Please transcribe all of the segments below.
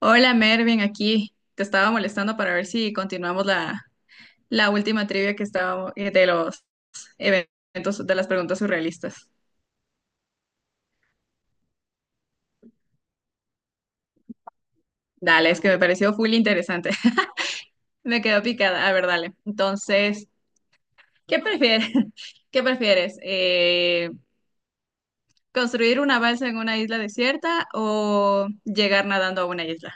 Hola Mervin, aquí te estaba molestando para ver si continuamos la última trivia que estábamos de los eventos, de las preguntas surrealistas. Dale, es que me pareció full interesante. Me quedo picada. A ver, dale. Entonces, ¿qué prefieres? ¿Qué prefieres? ¿Construir una balsa en una isla desierta o llegar nadando a una isla?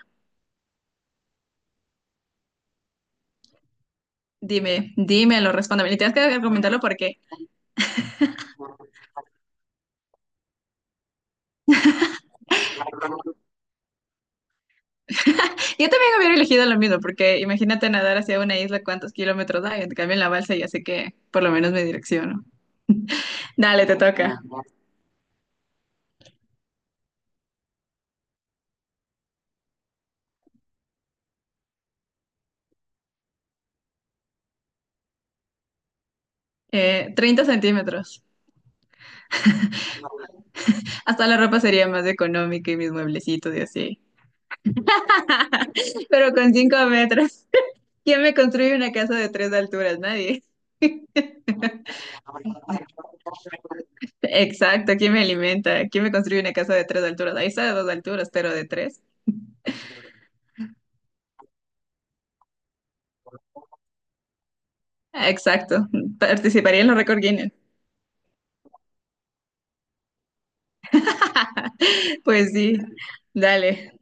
Dime, dímelo, respóndeme. Y tienes que argumentarlo porque. Yo también hubiera elegido lo mismo, porque imagínate nadar hacia una isla, ¿cuántos kilómetros hay? En cambio, en la balsa ya sé que por lo menos me direcciono. Dale, te toca. 30 centímetros. Hasta la ropa sería más económica y mis mueblecitos y así. Pero con 5 metros, ¿quién me construye una casa de tres alturas? Nadie. Exacto, ¿quién me alimenta? ¿Quién me construye una casa de tres alturas? Ahí está de dos alturas, pero de tres. Exacto, participaría en los récord Guinness. Pues sí, dale.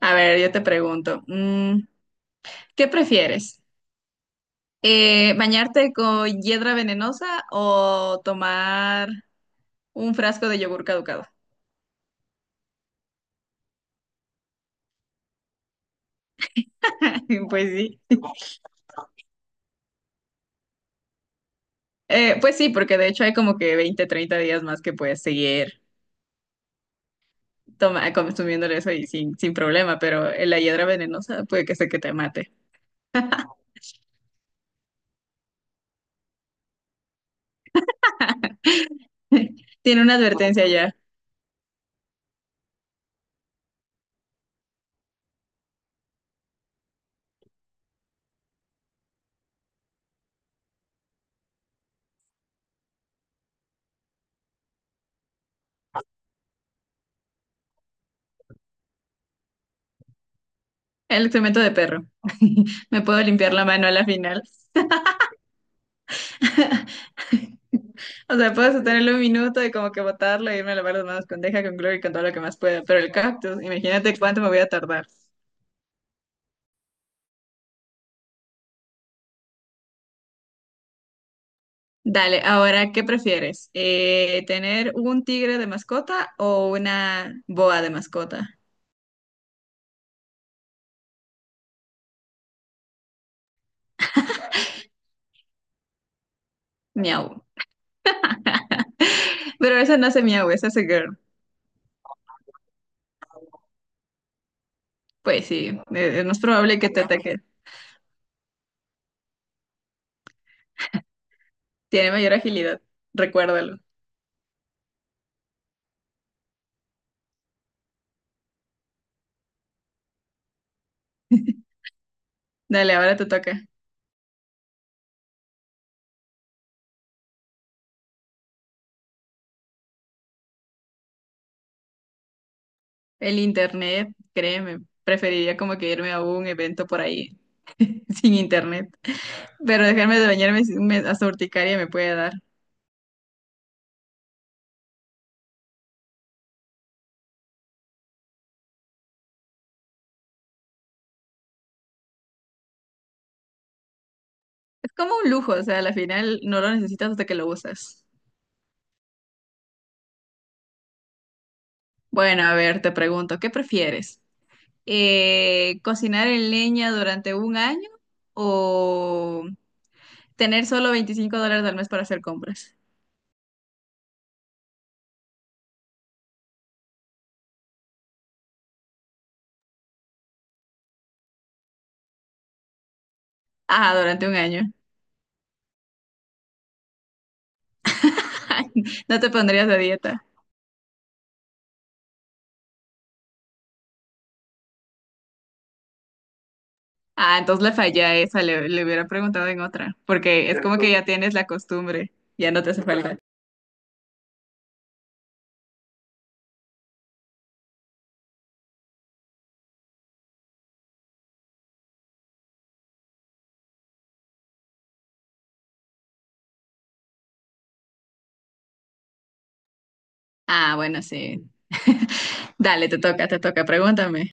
A ver, yo te pregunto. ¿Qué prefieres? ¿Bañarte con hiedra venenosa o tomar un frasco de yogur caducado? Pues sí. Pues sí, porque de hecho hay como que 20, 30 días más que puedes seguir consumiendo eso y sin problema, pero la hiedra venenosa puede que sea que te mate. Tiene una advertencia ya. El excremento de perro. Me puedo limpiar la mano a la final. O sea, puedo sostenerlo un minuto y como que botarlo y irme a lavar las manos con deja, con cloro y con todo lo que más pueda. Pero el cactus, imagínate cuánto me voy a tardar. Dale, ahora, ¿qué prefieres? ¿Tener un tigre de mascota o una boa de mascota? Miau. Pero esa no hace miau, esa hace girl. Pues sí, es más probable que te ataque. Tiene mayor agilidad, recuérdalo. Dale, ahora te toca. El internet, créeme, preferiría como que irme a un evento por ahí, sin internet. Pero dejarme de bañarme sí hasta urticaria me puede dar. Es como un lujo, o sea, a la final no lo necesitas hasta que lo usas. Bueno, a ver, te pregunto, ¿qué prefieres? ¿Cocinar en leña durante un año o tener solo $25 al mes para hacer compras? Ah, durante un año. No te pondrías a dieta. Ah, entonces le fallé a esa, le hubiera preguntado en otra, porque es como que ya tienes la costumbre, ya no te hace falta. Ah, bueno, sí. Dale, te toca, pregúntame.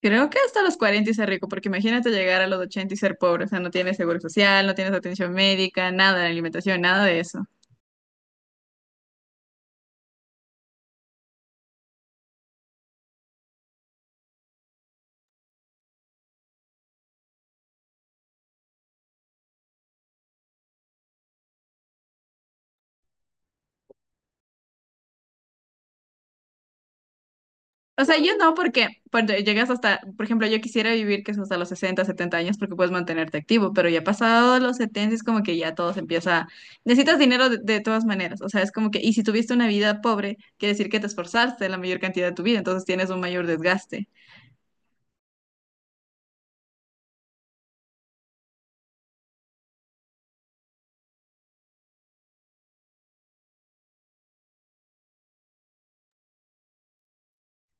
Creo que hasta los 40 y ser rico, porque imagínate llegar a los 80 y ser pobre, o sea, no tienes seguro social, no tienes atención médica, nada de alimentación, nada de eso. O sea, yo no, porque cuando llegas hasta, por ejemplo, yo quisiera vivir que es hasta los 60 70 años porque puedes mantenerte activo, pero ya pasado los 70 es como que ya todo se empieza, necesitas dinero de todas maneras, o sea, es como que, y si tuviste una vida pobre, quiere decir que te esforzaste la mayor cantidad de tu vida, entonces tienes un mayor desgaste.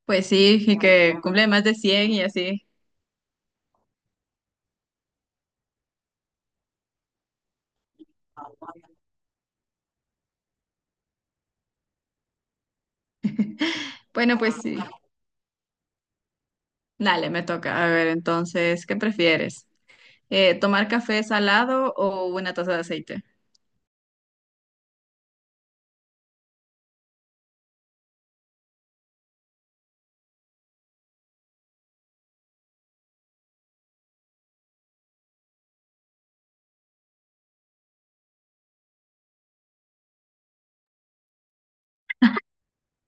Pues sí, y que cumple más de 100 y así. Bueno, pues sí. Dale, me toca. A ver, entonces, ¿qué prefieres? ¿Tomar café salado o una taza de aceite?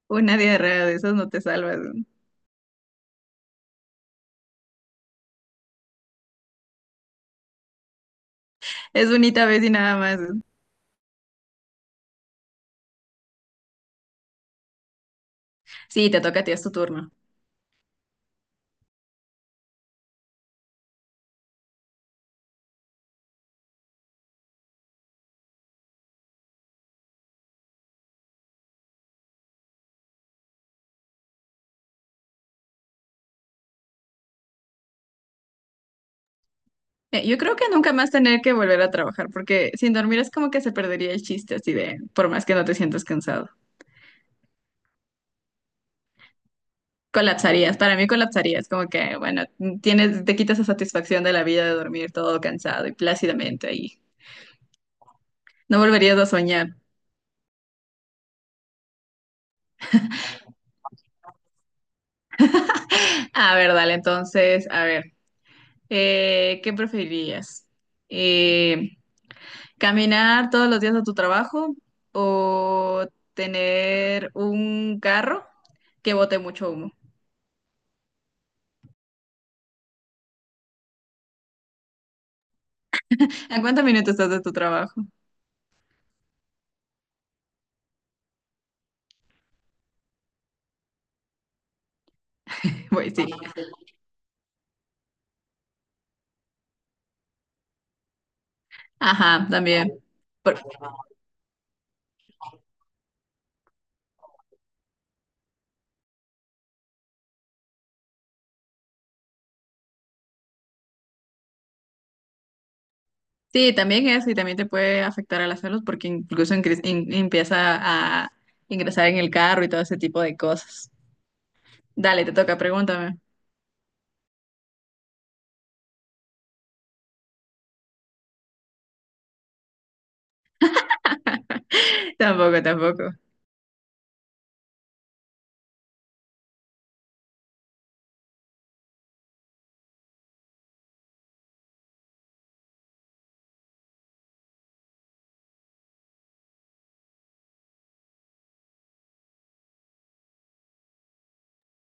Una diarrea de esas no te salvas, ¿no? Es bonita vez y nada más, ¿no? Sí, te toca a ti, es tu turno. Yo creo que nunca más tener que volver a trabajar, porque sin dormir es como que se perdería el chiste, así de, por más que no te sientas cansado. Colapsarías, para mí colapsarías, como que, bueno, tienes, te quitas la satisfacción de la vida de dormir todo cansado y plácidamente ahí. No volverías a soñar. A ver, dale, entonces, a ver. ¿Qué preferirías? Eh, ¿Caminar todos los días a tu trabajo o tener un carro que bote mucho humo? ¿En cuántos minutos estás de tu trabajo? Voy, sí. Ajá, también. Por- sí, también eso y también te puede afectar a las salud porque incluso empieza a ingresar en el carro y todo ese tipo de cosas. Dale, te toca, pregúntame. Tampoco, tampoco.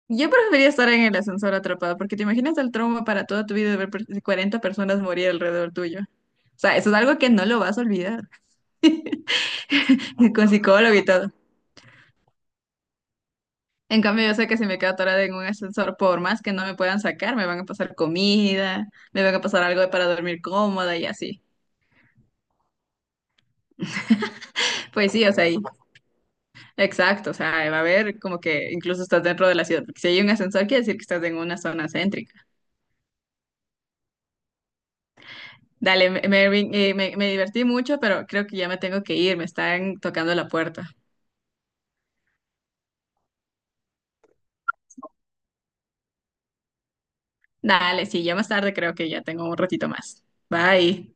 Yo preferiría estar en el ascensor atrapada, porque te imaginas el trauma para toda tu vida de ver 40 personas morir alrededor tuyo. O sea, eso es algo que no lo vas a olvidar, con psicólogo y todo. En cambio, yo sé que si me quedo atorada en un ascensor, por más que no me puedan sacar, me van a pasar comida, me van a pasar algo para dormir cómoda y así. Pues sí, o sea, exacto, o sea, va a haber como que incluso estás dentro de la ciudad, porque si hay un ascensor, quiere decir que estás en una zona céntrica. Dale, Mervin, me divertí mucho, pero creo que ya me tengo que ir, me están tocando la puerta. Dale, sí, ya más tarde creo que ya tengo un ratito más. Bye.